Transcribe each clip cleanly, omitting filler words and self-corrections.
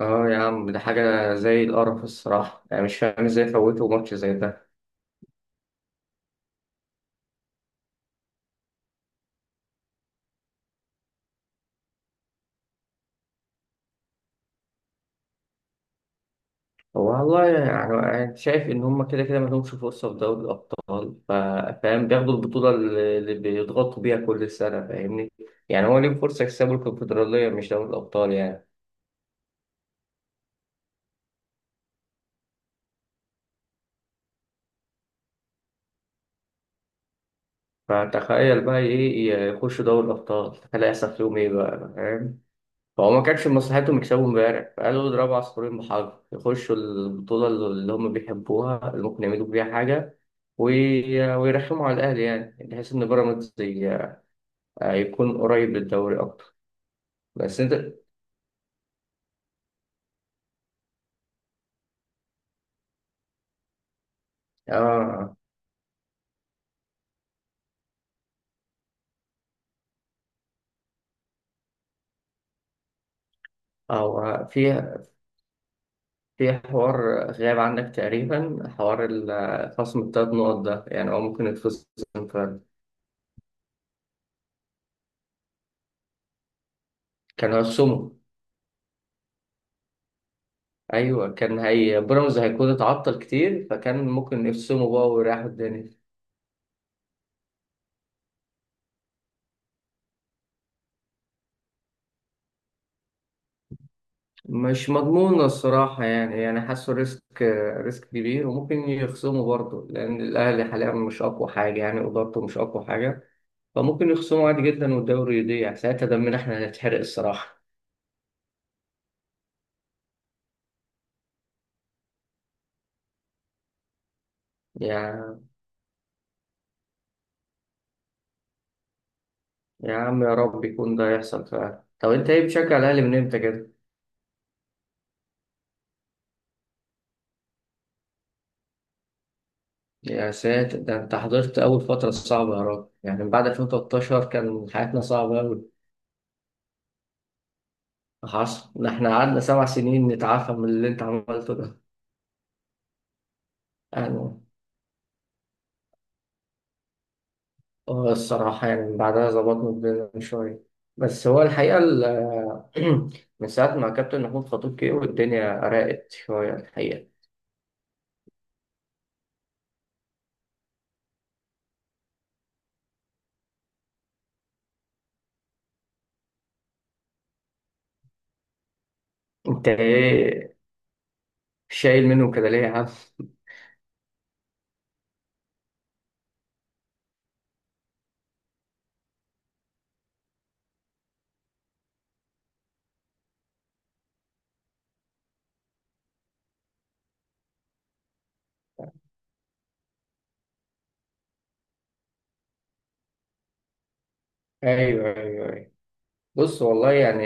اه يا عم، ده حاجة زي القرف الصراحة. يعني مش فاهم ازاي فوتوا ماتش زي ده. هو والله يعني أنا شايف إن هما كده كده ملهمش فرصة في دوري الأبطال. فاهم، بياخدوا البطولة اللي بيضغطوا بيها كل سنة. فاهمني؟ يعني هو ليهم فرصة يكسبوا الكونفدرالية، مش دوري الأبطال يعني. فتخيل بقى إيه يخشوا دوري الأبطال، تخيل هيحصل فيهم إيه بقى. فاهم؟ فهو ما كانش من مصلحتهم يكسبوا امبارح، فقالوا اضربوا عصفورين بحجر، يخشوا البطولة اللي هم بيحبوها اللي ممكن يعملوا بيها حاجة. ويرخموا على الأهلي، يعني بحيث إن بيراميدز يكون قريب للدوري أكتر. بس أنت. آه هو في حوار غاب عنك تقريبا، حوار خصم التلات نقط ده. يعني هو ممكن يتخصم فعلا، كان هيخصمه. أيوه، كان هي بيراميدز هيكون اتعطل كتير، فكان ممكن يخصموا بقى ويريحوا الدنيا. مش مضمونة الصراحة يعني، يعني حاسه ريسك. ريسك كبير، وممكن يخصموا برضه لأن الأهلي حاليا مش أقوى حاجة، يعني إدارته مش أقوى حاجة. فممكن يخصموا عادي جدا والدوري يضيع ساعتها، دمنا إحنا هنتحرق الصراحة. يا يا عم، يا رب يكون ده يحصل فعلا. طب أنت إيه بتشجع الأهلي من إمتى كده؟ يا ساتر، ده أنت حضرت أول فترة صعبة يا راجل. يعني من بعد 2013 كان حياتنا صعبة أوي. حصل ده، إحنا قعدنا سبع سنين نتعافى من اللي أنت عملته ده. يعني اه، الصراحة يعني بعدها ظبطنا الدنيا من شوية. بس هو الحقيقة من ساعة ما كابتن محمود خطيب جه والدنيا راقت شوية الحقيقة. انت ايه شايل منه كده ليه يا عم؟ ايوه، ايوه. بص والله يعني،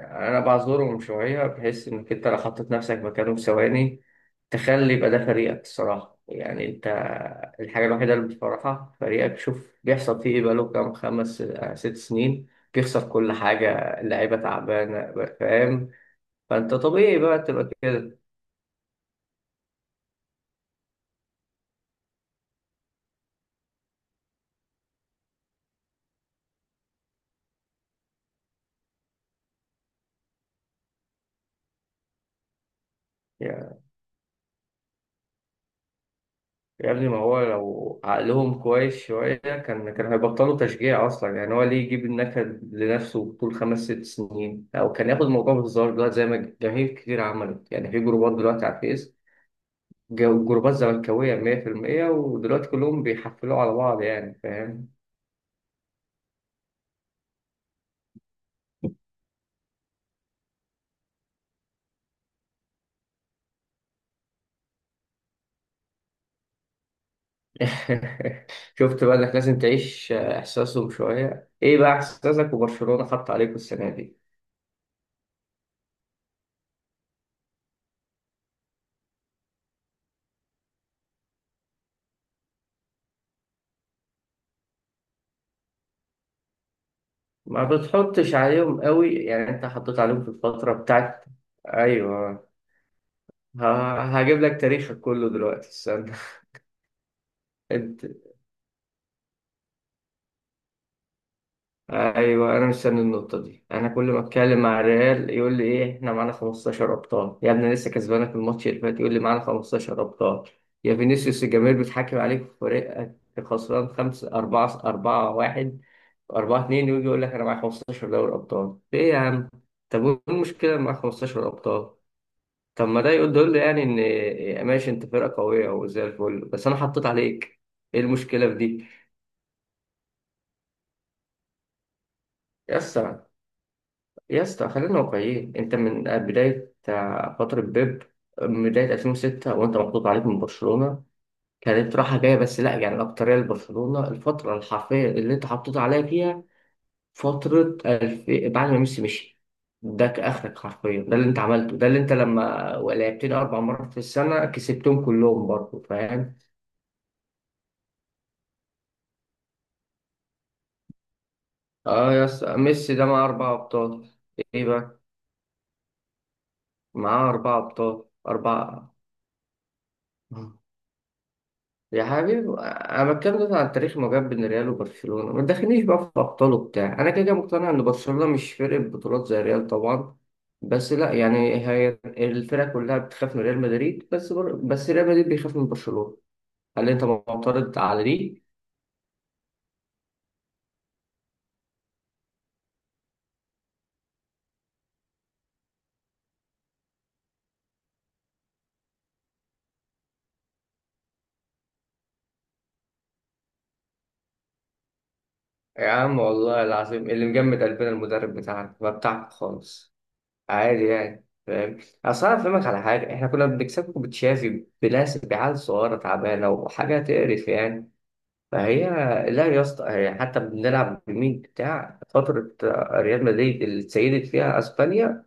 انا بعذرهم شويه، بحيث انك انت لو حطيت نفسك مكانهم ثواني، تخلي يبقى ده فريقك الصراحه، يعني انت الحاجه الوحيده اللي بتفرحها فريقك. شوف بيحصل فيه ايه، بقاله كام، خمس ست سنين بيخسر كل حاجه، اللعيبه تعبانه. فاهم؟ فانت طبيعي بقى تبقى كده. يا ابني ما هو لو عقلهم كويس شوية كان، كان هيبطلوا تشجيع أصلا. يعني هو ليه يجيب النكد لنفسه طول خمس ست سنين، أو كان ياخد الموضوع بهزار دلوقتي زي ما جماهير كتير عملت، يعني في جروبات دلوقتي على الفيس. جروبات زملكاوية 100%، ودلوقتي كلهم بيحفلوا على بعض يعني. فاهم؟ شفت بقى إنك لازم تعيش إحساسهم شوية؟ إيه بقى إحساسك وبرشلونة حط عليكم السنة دي؟ ما بتحطش عليهم قوي، يعني أنت حطيت عليهم في الفترة بتاعت، ايوه. هجيب لك تاريخك كله دلوقتي استنى. انت، ايوه، انا مستني النقطه دي. انا كل ما اتكلم مع الريال يقول لي ايه، احنا معانا 15 ابطال. يا ابني لسه كسبانك الماتش اللي فات يقول لي معانا 15 ابطال. يا فينيسيوس، الجماهير بتحكم عليك في فريقك. خسران 5 4 4 1 4 2، ويجي يقول لك انا معايا 15 دوري ابطال. ايه يا عم؟ طب وايه المشكله إن معاك 15 ابطال؟ طب ما ده يقول، ده يقول لي يعني ان ماشي انت فرقه قويه وزي الفل، بس انا حطيت عليك. ايه المشكله في دي؟ يا اسطى، يا اسطى خلينا واقعيين، انت من بداية فترة بيب، من بداية 2006 وانت محطوط عليك من برشلونة. كانت راحة جاية بس لا يعني. الأكترية لبرشلونة، الفترة الحرفية اللي انت حطيت عليها فيها، بعد ما ميسي مشي، ده كآخرك حرفيا. ده اللي انت عملته، ده اللي انت لما لعبتني أربع مرات في السنة كسبتهم كلهم برضه. فاهم؟ اه يا اسطى، ميسي ده معاه أربع أبطال. ايه بقى؟ معاه أربع أبطال، أربعة. يا حبيبي، انا بتكلم دلوقتي عن تاريخ ما بين ريال وبرشلونه، ما تدخلنيش بقى في ابطال وبتاع. انا كده كده مقتنع ان برشلونه مش فرقه بطولات زي ريال طبعا، بس لا يعني. هي الفرقه كلها بتخاف من ريال مدريد، بس ريال مدريد بيخاف من برشلونه. هل انت معترض على دي؟ يا عم، والله العظيم اللي مجمد قلبنا المدرب بتاعنا، ما بتاعك خالص. عادي يعني. فاهم؟ اصل انا افهمك على حاجه، احنا كنا بنكسبكم بتشافي، بناس، بعيال صغيره تعبانه وحاجه تقرف يعني. فهي لا يا اسطى، هي حتى بنلعب بمين بتاع فترة ريال مدريد اللي اتسيدت فيها اسبانيا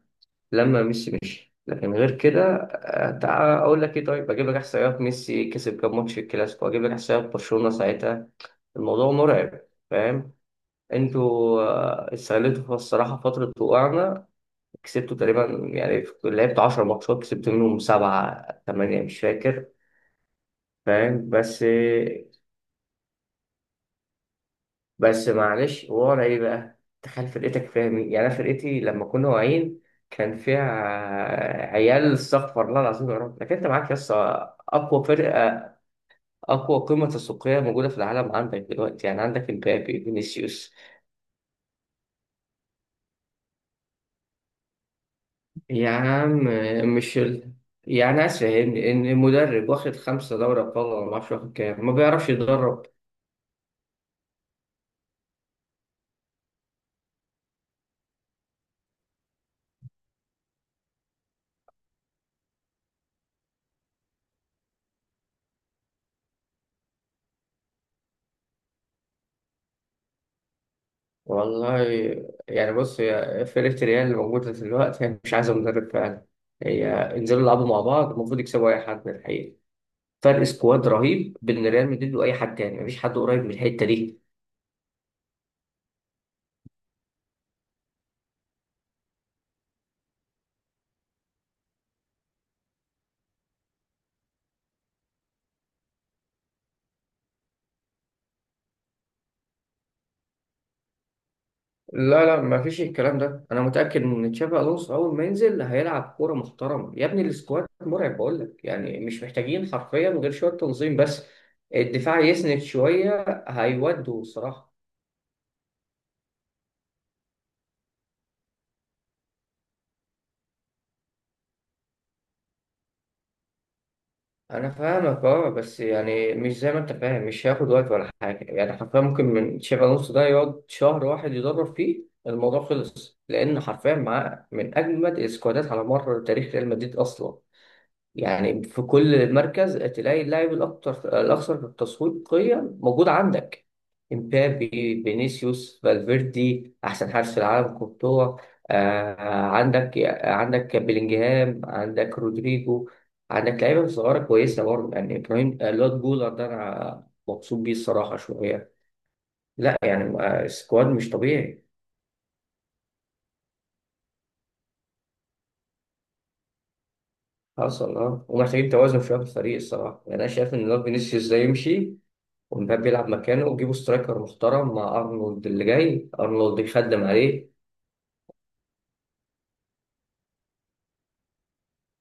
لما ميسي مشي. لكن غير كده تعال اقول لك ايه. طيب اجيب لك احصائيات ميسي كسب كام ماتش في الكلاسيكو، اجيب لك احصائيات برشلونة ساعتها. الموضوع مرعب. فاهم؟ انتوا استغلتوا الصراحة فترة وقعنا. كسبتوا تقريبا، يعني لعبت 10 ماتشات كسبت منهم سبعة ثمانية مش فاكر. فاهم بس؟ بس معلش، ورا ايه بقى؟ تخيل فرقتك فيها مين، يعني انا فرقتي لما كنا واعيين كان فيها عيال استغفر الله العظيم يا رب. لكن انت معاك يس، اقوى فرقه، اقوى قيمه تسويقيه موجوده في العالم عندك دلوقتي، يعني عندك امبابي، فينيسيوس. يا عم مش يعني عايز فاهمني ان المدرب واخد خمسه دوري ابطال ولا ما اعرفش واخد كام، ما بيعرفش يدرب؟ والله يعني بص، هي فرقة ريال اللي موجودة دلوقتي هي مش عايزة مدرب فعلا. هي انزلوا العبوا مع بعض المفروض يكسبوا أي حد من الحقيقة. فرق سكواد رهيب بين ريال مدريد وأي حد تاني، مفيش حد قريب من الحتة دي. لا لا، مفيش الكلام ده. أنا متأكد إن تشابي ألونسو أول ما ينزل هيلعب كورة محترمة يا ابني. السكواد مرعب بقول لك، يعني مش محتاجين حرفيا غير شوية تنظيم بس. الدفاع يسند شوية هيودوا الصراحة. انا فاهمك اه، بس يعني مش زي ما انت فاهم، مش هياخد وقت ولا حاجه. يعني حرفيا ممكن من شبه نص ده يقعد شهر واحد يدرب فيه، الموضوع خلص. لان حرفيا معاه من اجمد السكوادات على مر تاريخ ريال مدريد اصلا. يعني في كل مركز تلاقي اللاعب الأكثر تسويقيا موجود عندك. امبابي، فينيسيوس، فالفيردي، أحسن حارس في العالم كورتوا. آه، عندك عندك بيلينجهام، عندك رودريجو، عندك لعيبة صغيرة كويسة برضه، يعني إبراهيم، لوت جولر ده أنا مبسوط بيه الصراحة شوية. لا يعني السكواد مش طبيعي. حصل اه، ومحتاجين توازن شوية في الفريق الصراحة. يعني أنا شايف إن لوت فينيسيوس ده يمشي ومبابي يلعب مكانه، وتجيبوا سترايكر محترم. مع ارنولد اللي جاي، ارنولد يخدم عليه.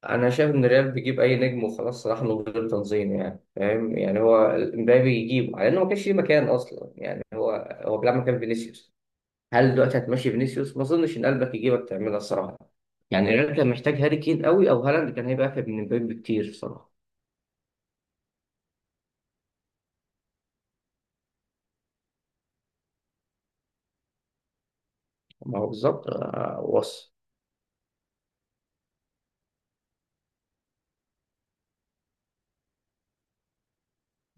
انا شايف ان الريال بيجيب اي نجم وخلاص صراحه من غير تنظيم. يعني فاهم، يعني هو مبابي يجيبه على انه ما كانش ليه مكان اصلا. يعني هو بيلعب مكان فينيسيوس. هل دلوقتي هتمشي فينيسيوس؟ ما اظنش ان قلبك يجيبك تعملها الصراحه. يعني الريال كان محتاج هاري كين قوي، او هالاند كان هيبقى افيد من مبابي بكتير الصراحه. ما هو بالظبط. وصف.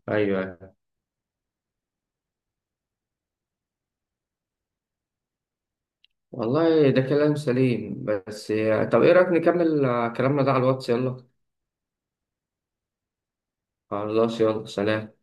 ايوه، أيوة. والله ده كلام سليم، بس طب ايه رايك نكمل كلامنا ده على الواتس، يلا. خلاص يلا، سلام.